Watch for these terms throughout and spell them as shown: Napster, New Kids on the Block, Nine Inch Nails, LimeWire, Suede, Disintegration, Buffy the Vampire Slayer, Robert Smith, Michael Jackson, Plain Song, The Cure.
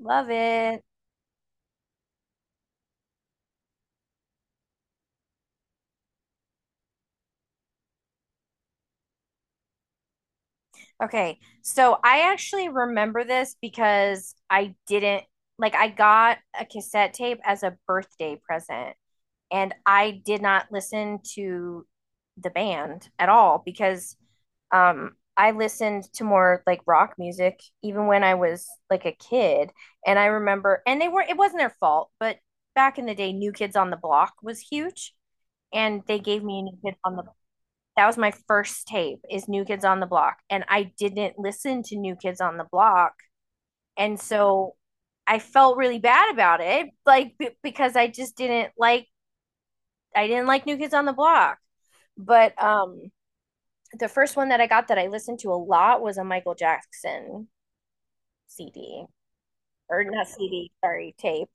Love it. Okay. So I actually remember this because I didn't like, I got a cassette tape as a birthday present and I did not listen to the band at all because I listened to more like rock music even when I was like a kid. And I remember, and they were, it wasn't their fault, but back in the day New Kids on the Block was huge and they gave me a New Kids on the— that was my first tape, is New Kids on the Block. And I didn't listen to New Kids on the Block. And so I felt really bad about it, like because I just didn't like, I didn't like New Kids on the Block. But the first one that I got that I listened to a lot was a Michael Jackson CD. Or not CD, sorry, tape.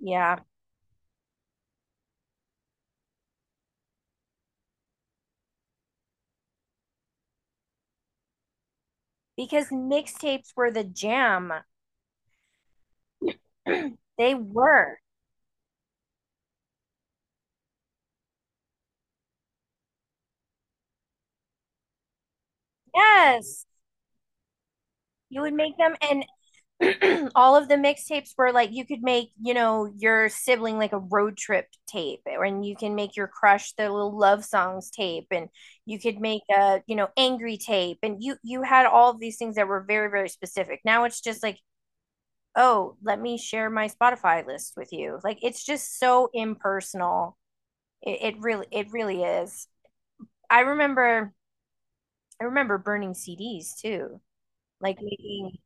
Yeah, because mixtapes were the jam. They were. Yes. You would make them, and all of the mixtapes were like, you could make, you know, your sibling like a road trip tape, eh, and you can make your crush the little love songs tape, and you could make a, you know, angry tape, and you had all of these things that were very, very specific. Now it's just like, oh, let me share my Spotify list with you. Like, it's just so impersonal. It really, it really is. I remember, I remember burning CDs too, like making.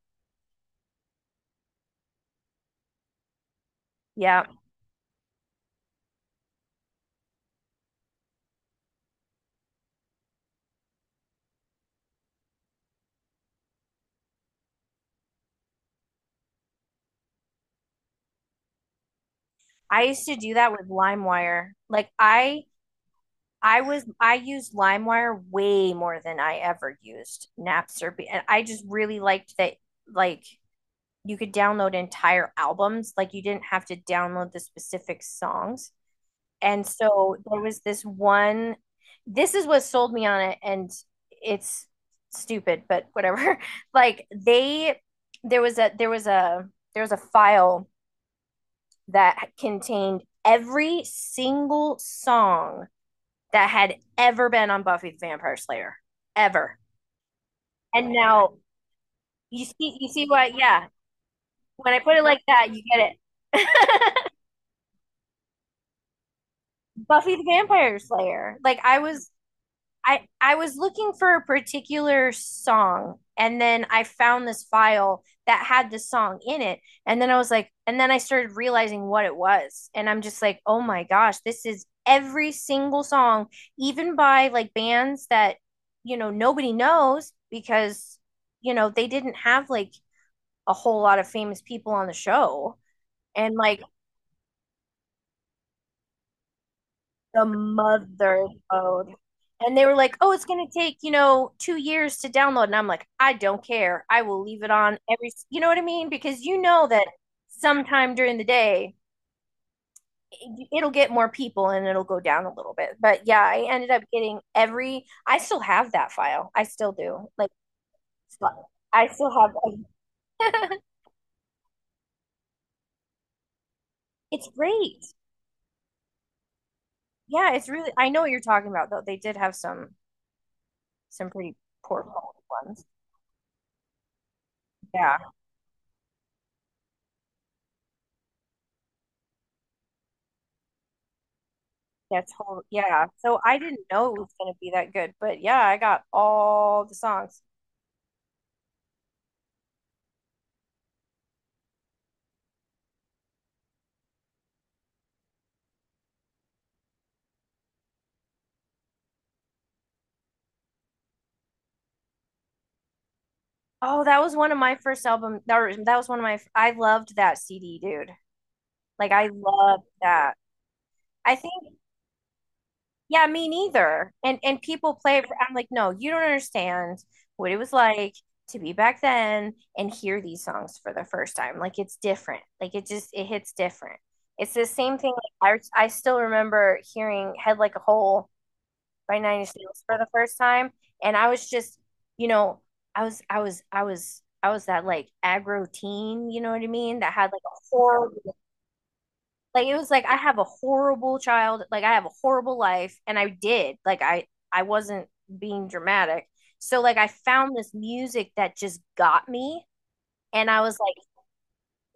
Yeah, I used to do that with LimeWire. Like I was, I used LimeWire way more than I ever used Napster, and I just really liked that, like, you could download entire albums, like you didn't have to download the specific songs. And so there was this one, this is what sold me on it, and it's stupid, but whatever. Like they, there was a there was a there was a file that contained every single song that had ever been on Buffy the Vampire Slayer ever. And now you see what? Yeah, when I put it like that, you get it. Buffy the Vampire Slayer. Like I was, I was looking for a particular song, and then I found this file that had the song in it, and then I was like, and then I started realizing what it was, and I'm just like, oh my gosh, this is every single song, even by like bands that, you know, nobody knows because, you know, they didn't have like a whole lot of famous people on the show. And like the mother— and they were like, oh, it's going to take, you know, 2 years to download. And I'm like, I don't care. I will leave it on every, you know what I mean? Because you know that sometime during the day, it'll get more people and it'll go down a little bit. But yeah, I ended up getting every, I still have that file. I still do. Like, I still have, it's great. Yeah, it's really, I know what you're talking about though. They did have some pretty poor quality ones. Yeah. That's whole, yeah. So I didn't know it was gonna be that good, but yeah, I got all the songs. Oh, that was one of my first album. That was one of my. I loved that CD, dude. Like I loved that. I think, yeah, me neither. And people play it. For, I'm like, no, you don't understand what it was like to be back then and hear these songs for the first time. Like it's different. Like it just, it hits different. It's the same thing. Like, I still remember hearing Head Like a Hole by Nine Inch Nails for the first time. And I was just, you know, I was that like aggro teen, you know what I mean? That had like a horrible, like it was like I have a horrible child, like I have a horrible life, and I did, like I wasn't being dramatic. So like I found this music that just got me, and I was like,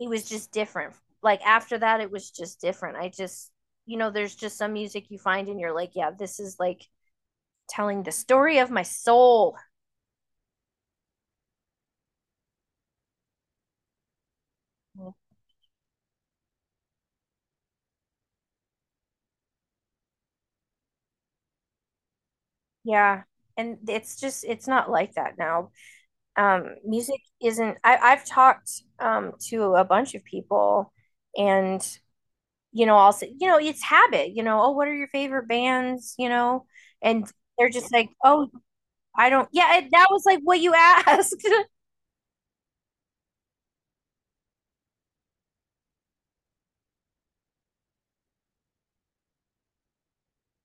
it was just different. Like after that, it was just different. I just, you know, there's just some music you find and you're like, yeah, this is like telling the story of my soul. Yeah. And it's just, it's not like that now. Music isn't, I've talked to a bunch of people. And you know, I'll say, you know, it's habit, you know, oh, what are your favorite bands, you know? And they're just like, oh, I don't, yeah, it, that was like what you asked.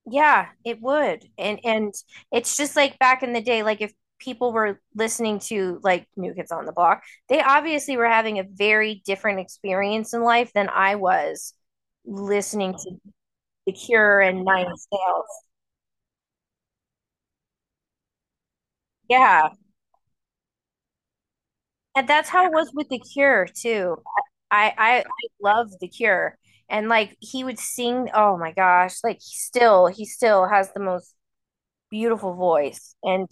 Yeah, it would. And it's just like back in the day, like if people were listening to like New Kids on the Block, they obviously were having a very different experience in life than I was listening to The Cure and Nine Inch Nails. Yeah. And that's how it was with The Cure too. I love The Cure. And like he would sing, oh my gosh, like he still, he still has the most beautiful voice and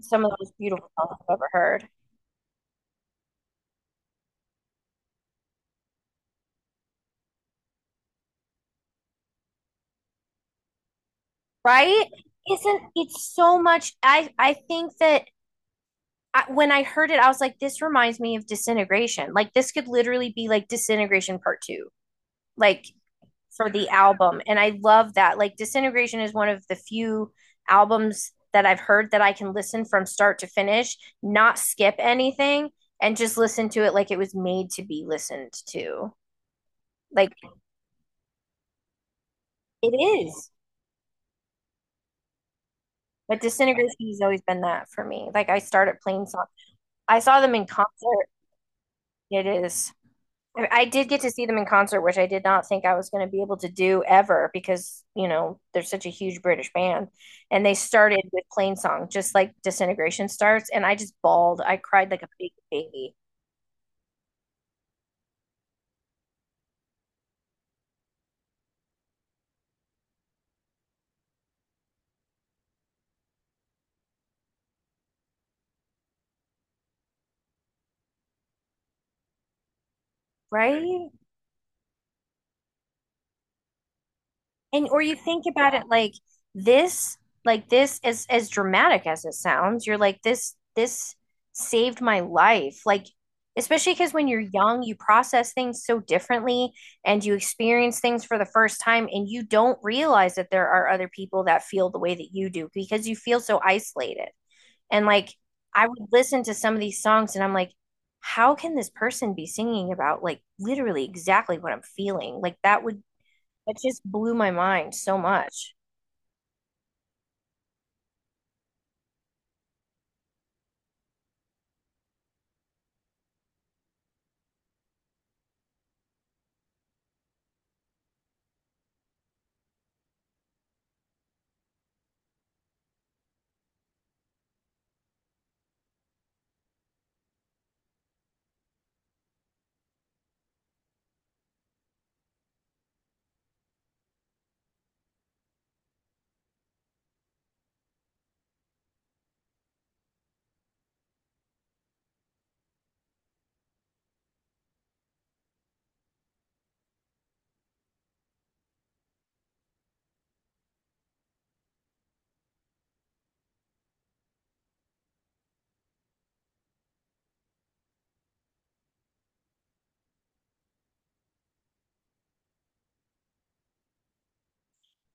some of the most beautiful songs I've ever heard. Right? Isn't it's so much? I think that I, when I heard it, I was like, this reminds me of Disintegration. Like this could literally be like Disintegration Part Two, like for the album. And I love that. Like Disintegration is one of the few albums that I've heard that I can listen from start to finish, not skip anything, and just listen to it like it was made to be listened to. Like it is. But Disintegration has always been that for me. Like I started playing songs. I saw them in concert. It is. I did get to see them in concert, which I did not think I was going to be able to do ever because, you know, they're such a huge British band. And they started with Plain Song, just like Disintegration starts. And I just bawled. I cried like a big baby, right? And or you think about it like this, like this, as dramatic as it sounds, you're like, this saved my life. Like especially because when you're young, you process things so differently and you experience things for the first time and you don't realize that there are other people that feel the way that you do because you feel so isolated. And like I would listen to some of these songs and I'm like, how can this person be singing about like literally exactly what I'm feeling? Like that would, it just blew my mind so much.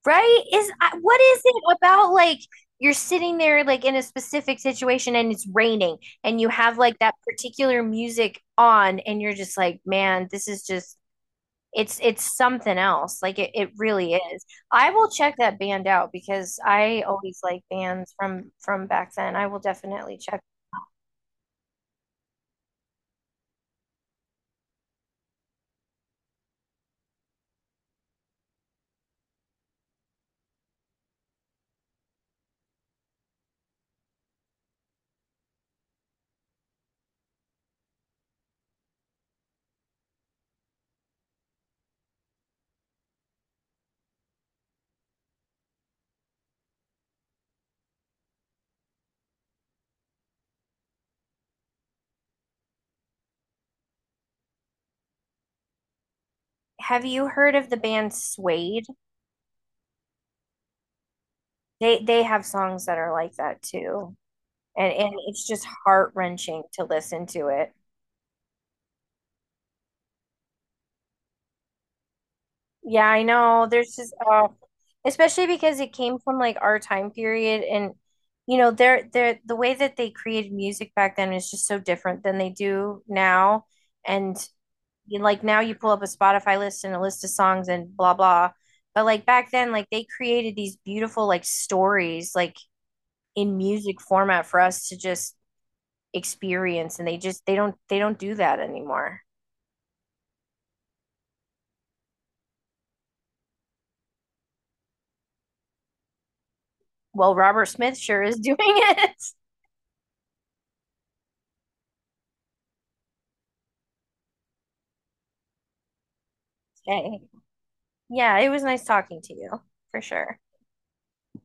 Right? Is what is it about like you're sitting there like in a specific situation and it's raining and you have like that particular music on and you're just like, man, this is just, it's something else. Like it really is. I will check that band out because I always like bands from back then. I will definitely check. Have you heard of the band Suede? They have songs that are like that too. And it's just heart wrenching to listen to it. Yeah, I know. There's just especially because it came from like our time period. And you know, they're the way that they created music back then is just so different than they do now. And you know, like now, you pull up a Spotify list and a list of songs and blah blah. But like back then, like they created these beautiful like stories like in music format for us to just experience, and they just they don't do that anymore. Well, Robert Smith sure is doing it. Okay. Yeah, it was nice talking to you for sure.